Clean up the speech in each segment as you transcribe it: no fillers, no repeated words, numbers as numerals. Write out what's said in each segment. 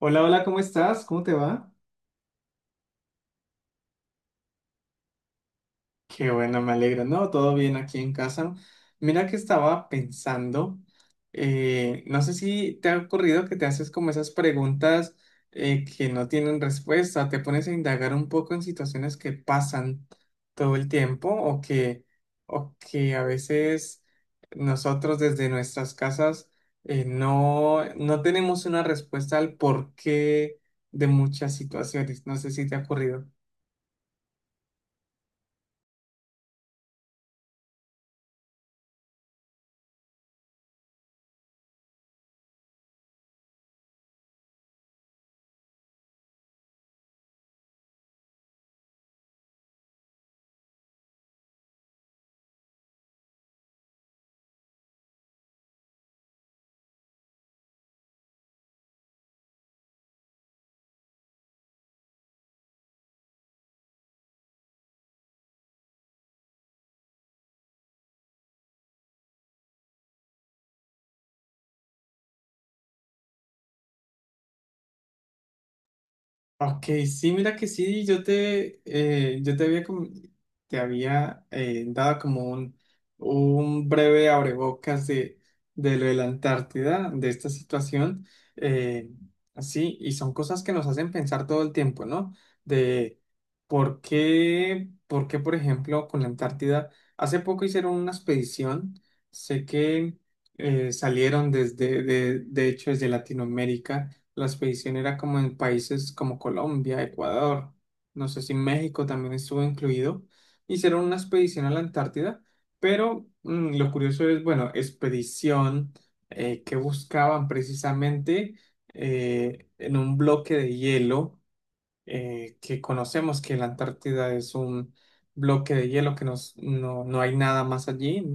Hola, hola, ¿cómo estás? ¿Cómo te va? Qué bueno, me alegro. No, todo bien aquí en casa. Mira que estaba pensando, no sé si te ha ocurrido que te haces como esas preguntas que no tienen respuesta, te pones a indagar un poco en situaciones que pasan todo el tiempo o que a veces nosotros desde nuestras casas no tenemos una respuesta al porqué de muchas situaciones. No sé si te ha ocurrido. Ok, sí, mira que sí, yo te había, te había dado como un breve abrebocas de lo de la Antártida, de esta situación, eh, sí, y son cosas que nos hacen pensar todo el tiempo, ¿no? De por qué, por ejemplo, con la Antártida, hace poco hicieron una expedición, sé que salieron de hecho, desde Latinoamérica, la expedición era como en países como Colombia, Ecuador, no sé si México también estuvo incluido. Hicieron una expedición a la Antártida, pero lo curioso es, bueno, expedición, que buscaban precisamente, en un bloque de hielo, que conocemos que la Antártida es un bloque de hielo que no hay nada más allí,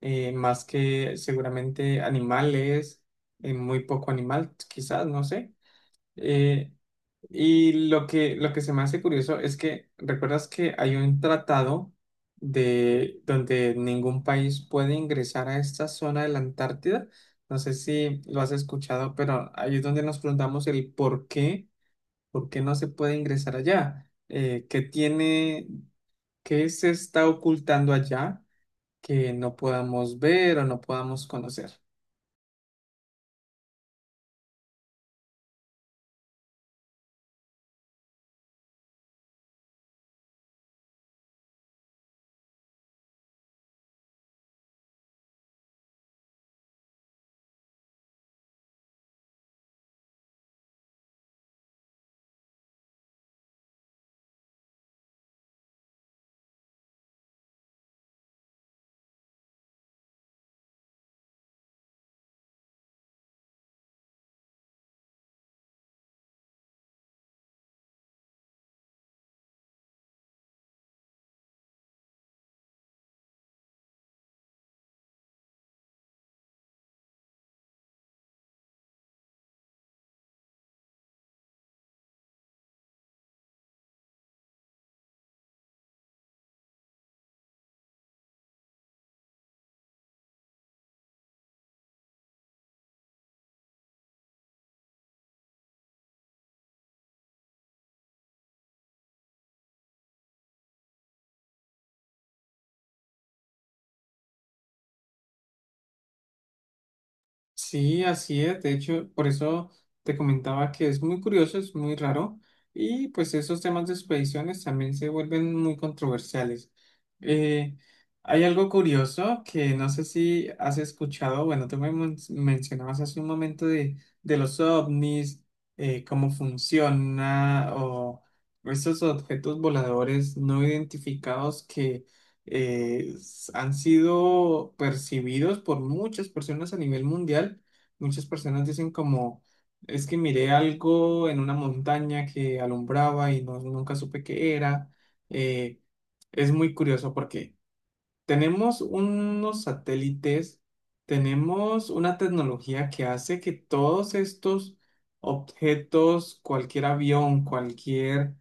más que seguramente animales, muy poco animal, quizás, no sé. eh, y lo que se me hace curioso es que, ¿recuerdas que hay un tratado de donde ningún país puede ingresar a esta zona de la Antártida? No sé si lo has escuchado, pero ahí es donde nos preguntamos el por qué no se puede ingresar allá. ¿Qué tiene, qué se está ocultando allá que no podamos ver o no podamos conocer? Sí, así es. De hecho, por eso te comentaba que es muy curioso, es muy raro. Y pues esos temas de expediciones también se vuelven muy controversiales. Eh, Hay algo curioso que no sé si has escuchado, bueno, tú mencionabas hace un momento de los ovnis, cómo funciona o esos objetos voladores no identificados que han sido percibidos por muchas personas a nivel mundial. Muchas personas dicen como, es que miré algo en una montaña que alumbraba y no, nunca supe qué era. Eh, es muy curioso porque tenemos unos satélites, tenemos una tecnología que hace que todos estos objetos, cualquier avión, cualquier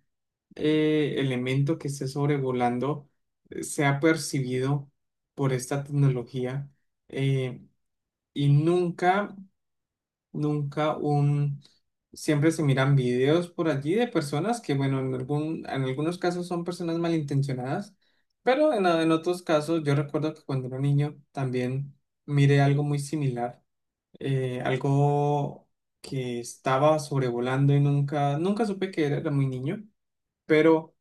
elemento que esté sobrevolando sea percibido por esta tecnología. eh, y nunca, Nunca un... Siempre se miran videos por allí de personas que, bueno, en algunos casos son personas malintencionadas, pero en otros casos yo recuerdo que cuando era niño también miré algo muy similar, algo que estaba sobrevolando y nunca supe que era, era muy niño, pero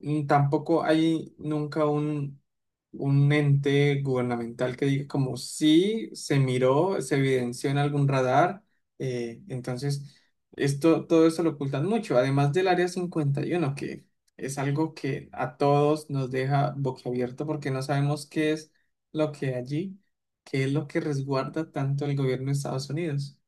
tampoco hay nunca un ente gubernamental que diga como si se miró, se evidenció en algún radar. Entonces, todo eso lo ocultan mucho, además del Área 51, que es algo que a todos nos deja boquiabierto porque no sabemos qué es lo que hay allí, qué es lo que resguarda tanto el gobierno de Estados Unidos.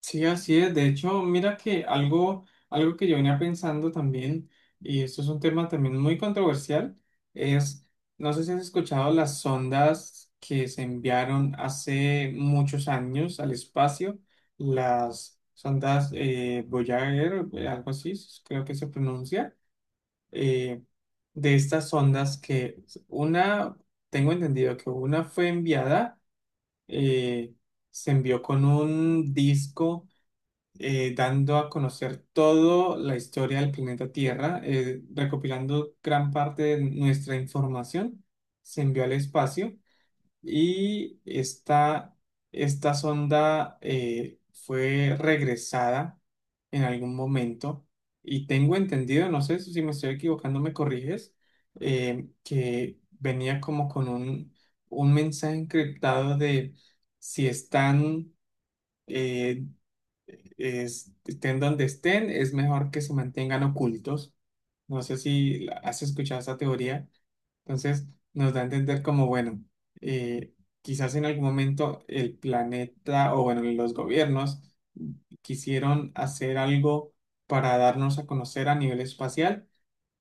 Sí, así es. De hecho, mira que algo que yo venía pensando también, y esto es un tema también muy controversial, es, no sé si has escuchado las sondas que se enviaron hace muchos años al espacio, las sondas Voyager, algo así, creo que se pronuncia. eh, de estas sondas que una, tengo entendido que una fue enviada, eh, se envió con un disco dando a conocer toda la historia del planeta Tierra, recopilando gran parte de nuestra información, se envió al espacio, y esta sonda fue regresada en algún momento. Y tengo entendido, no sé si me estoy equivocando, me corriges, que venía como con un mensaje encriptado de si están... eh, estén donde estén, es mejor que se mantengan ocultos. No sé si has escuchado esa teoría. Entonces, nos da a entender como, bueno, eh, quizás en algún momento el planeta o, bueno, los gobiernos quisieron hacer algo para darnos a conocer a nivel espacial,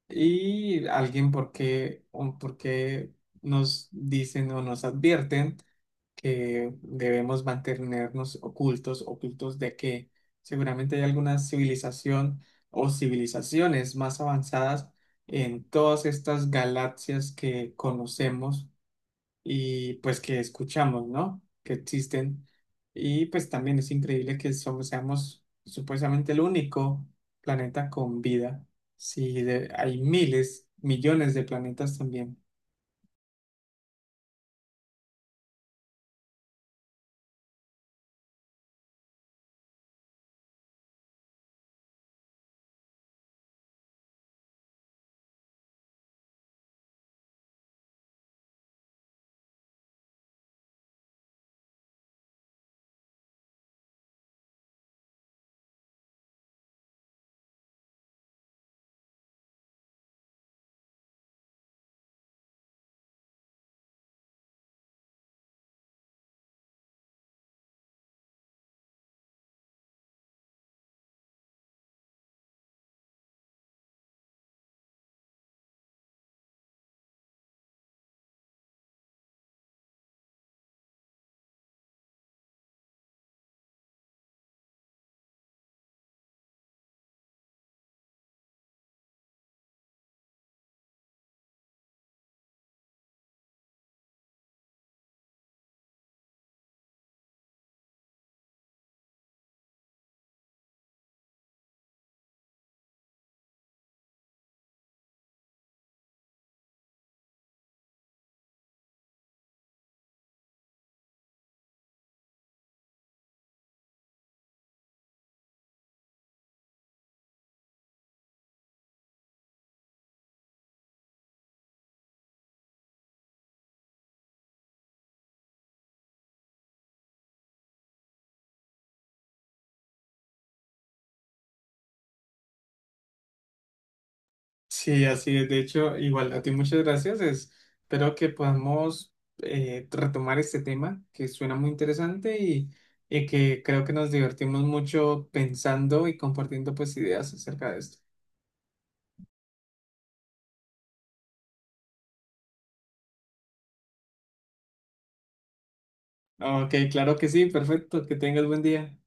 y alguien, ¿por qué, por qué nos dicen o nos advierten que debemos mantenernos ocultos, ocultos de que seguramente hay alguna civilización o civilizaciones más avanzadas en todas estas galaxias que conocemos y pues que escuchamos, ¿no? Que existen. Y pues también es increíble que seamos supuestamente el único planeta con vida. Si hay miles, millones de planetas también. Sí, así es. De hecho, igual a ti muchas gracias. Espero que podamos retomar este tema que suena muy interesante y que creo que nos divertimos mucho pensando y compartiendo pues ideas acerca de esto. Ok, claro que sí, perfecto. Que tengas buen día.